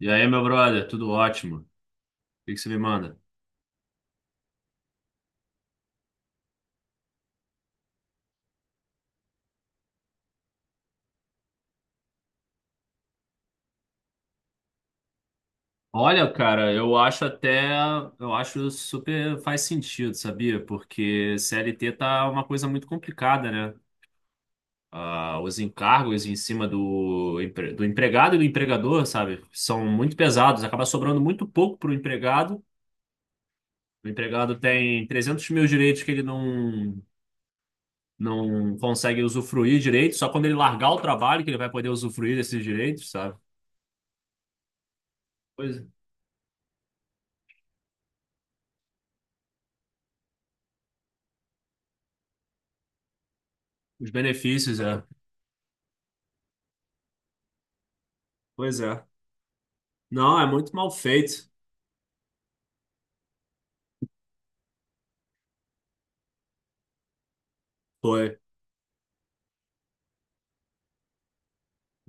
E aí, meu brother, tudo ótimo? O que que você me manda? Olha, cara, eu acho super faz sentido, sabia? Porque CLT tá uma coisa muito complicada, né? Ah, os encargos em cima do empregado e do empregador, sabe? São muito pesados, acaba sobrando muito pouco pro empregado. O empregado tem 300 mil direitos que ele não consegue usufruir direito, só quando ele largar o trabalho que ele vai poder usufruir desses direitos, sabe? Pois, é. Os benefícios, é. Pois é. Não, é muito mal feito. Foi.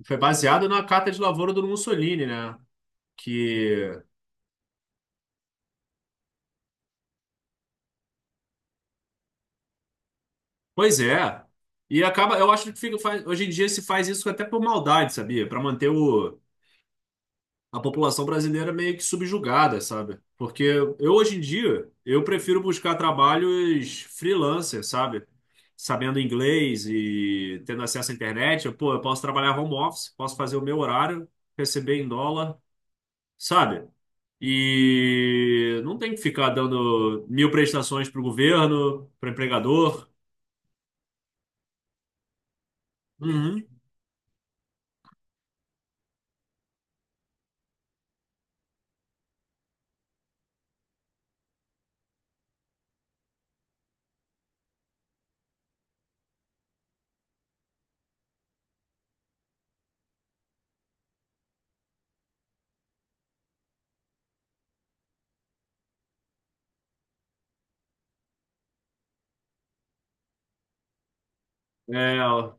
Foi baseado na carta de lavoura do Mussolini, né? Que. Pois é. E acaba. Eu acho que hoje em dia se faz isso até por maldade, sabia? Para manter a população brasileira meio que subjugada, sabe? Porque eu, hoje em dia, eu prefiro buscar trabalhos freelancer, sabe? Sabendo inglês e tendo acesso à internet. Eu, pô, eu posso trabalhar home office, posso fazer o meu horário, receber em dólar, sabe? E não tem que ficar dando mil prestações para o governo, para o empregador. Uhum. É, ó.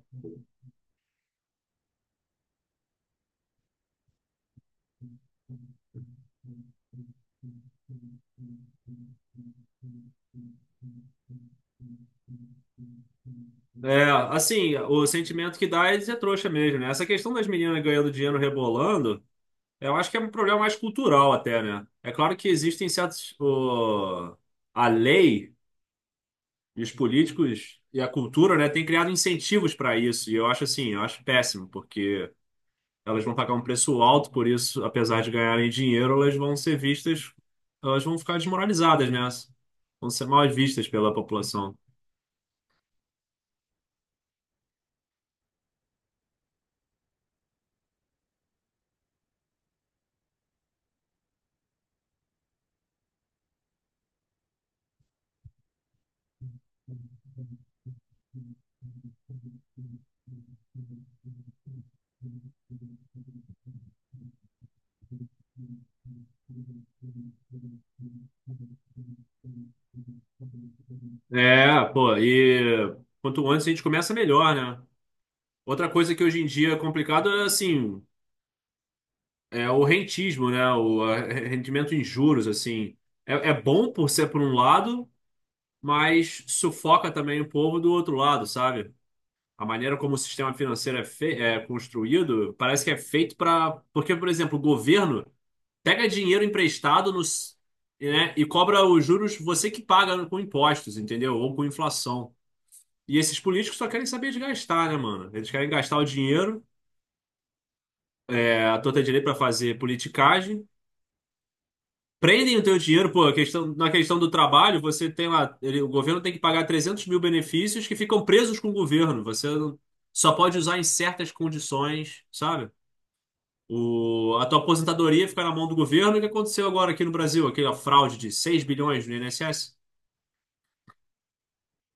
É, assim, o sentimento que dá é de ser trouxa mesmo, né? Essa questão das meninas ganhando dinheiro rebolando, eu acho que é um problema mais cultural até, né? É claro que existem certos. A lei. E os políticos e a cultura, né, têm criado incentivos para isso. E eu acho assim, eu acho péssimo, porque elas vão pagar um preço alto por isso, apesar de ganharem dinheiro, elas vão ser vistas, elas vão ficar desmoralizadas, né? Vão ser mal vistas pela população. É, pô, e quanto antes a gente começa, melhor, né? Outra coisa que hoje em dia é complicado é assim, é o rentismo, né? O rendimento em juros, assim. É, é bom por ser por um lado, mas sufoca também o povo do outro lado, sabe? A maneira como o sistema financeiro é, fe é construído parece que é feito para. Porque, por exemplo, o governo pega dinheiro emprestado nos, né, e cobra os juros você que paga com impostos, entendeu? Ou com inflação. E esses políticos só querem saber de gastar, né, mano? Eles querem gastar o dinheiro à torta direito para fazer politicagem. Prendem o teu dinheiro, pô, a questão, na questão do trabalho, você tem lá, o governo tem que pagar 300 mil benefícios que ficam presos com o governo. Você não. Só pode usar em certas condições, sabe? A tua aposentadoria fica na mão do governo. O que aconteceu agora aqui no Brasil? Aquela fraude de 6 bilhões no INSS?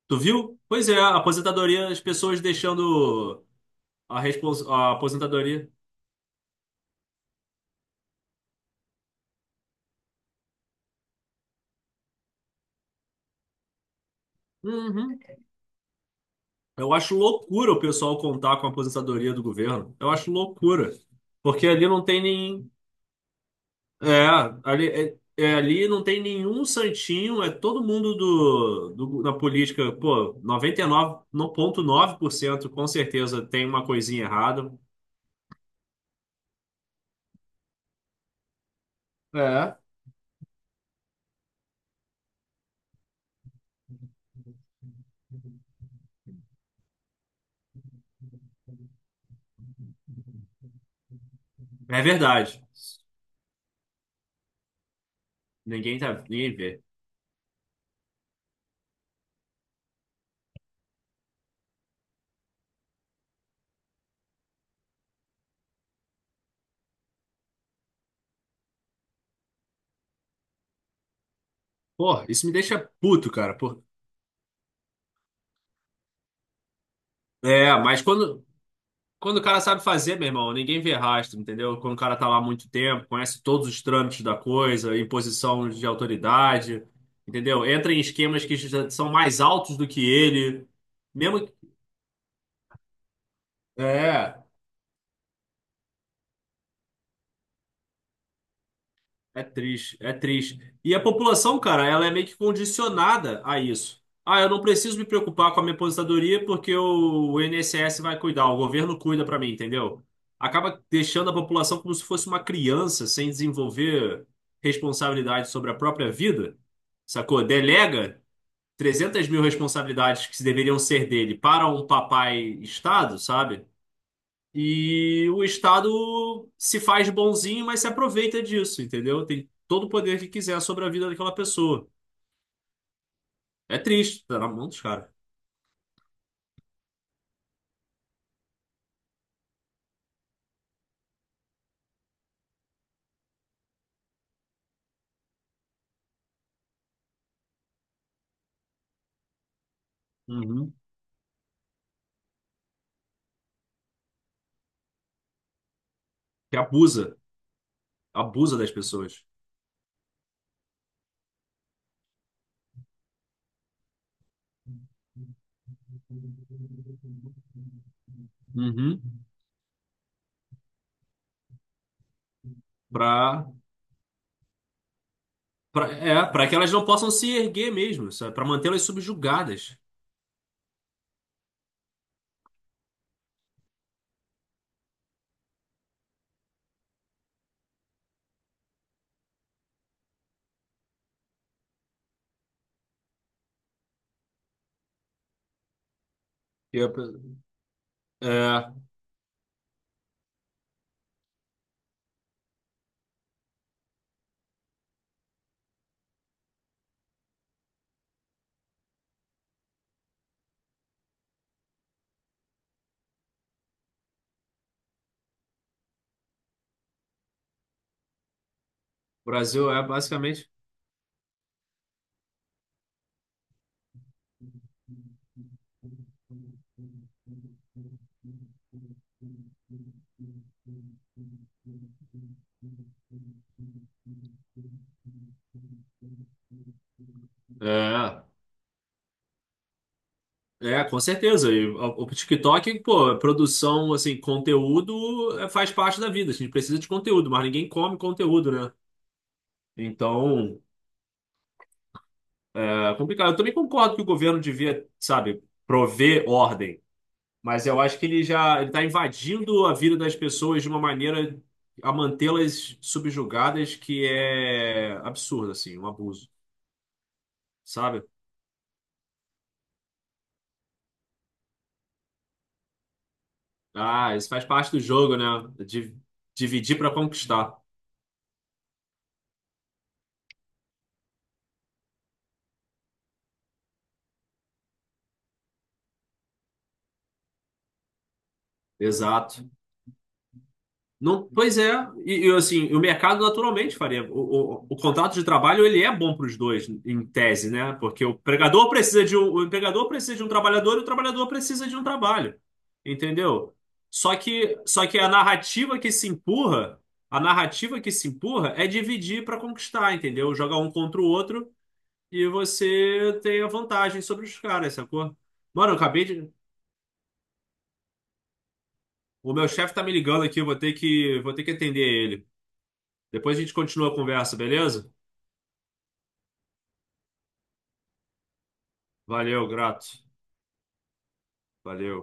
Tu viu? Pois é, a aposentadoria, as pessoas deixando a aposentadoria. Uhum. Eu acho loucura o pessoal contar com a aposentadoria do governo. Eu acho loucura. Porque ali não tem nem. É, ali não tem nenhum santinho, é todo mundo na política, pô, 99,9% com certeza tem uma coisinha errada. É. É verdade. Ninguém tá, ninguém vê. Pô, isso me deixa puto, cara. Por. É, mas quando. Quando o cara sabe fazer, meu irmão, ninguém vê rastro, entendeu? Quando o cara tá lá há muito tempo, conhece todos os trâmites da coisa, em posição de autoridade, entendeu? Entra em esquemas que já são mais altos do que ele. Mesmo. É. É triste, é triste. E a população, cara, ela é meio que condicionada a isso. Ah, eu não preciso me preocupar com a minha aposentadoria porque o INSS vai cuidar, o governo cuida pra mim, entendeu? Acaba deixando a população como se fosse uma criança sem desenvolver responsabilidade sobre a própria vida, sacou? Delega 300 mil responsabilidades que deveriam ser dele para um papai Estado, sabe? E o Estado se faz bonzinho, mas se aproveita disso, entendeu? Tem todo o poder que quiser sobre a vida daquela pessoa. É triste, tá na mão dos caras. Uhum. Que abusa, abusa das pessoas. Uhum. Pra, pra que elas não possam se erguer mesmo, sabe? Pra mantê-las subjugadas. E a pe- É, o Brasil é basicamente. É, é, com certeza. E o TikTok, pô, é produção, assim, conteúdo faz parte da vida. A gente precisa de conteúdo, mas ninguém come conteúdo, né? Então, é complicado. Eu também concordo que o governo devia, sabe, prover ordem. Mas eu acho que ele já ele está invadindo a vida das pessoas de uma maneira a mantê-las subjugadas que é absurdo, assim, um abuso, sabe? Ah, isso faz parte do jogo, né? De, dividir para conquistar. Exato. Não, pois é, assim, o mercado naturalmente faria. O contrato de trabalho ele é bom para os dois, em tese, né? Porque o empregador precisa de um trabalhador e o trabalhador precisa de um trabalho, entendeu? Só que a narrativa que se empurra é dividir para conquistar, entendeu? Jogar um contra o outro e você tem a vantagem sobre os caras, sacou? Mano, eu acabei de. O meu chefe tá me ligando aqui, eu vou ter que atender ele. Depois a gente continua a conversa, beleza? Valeu, grato. Valeu.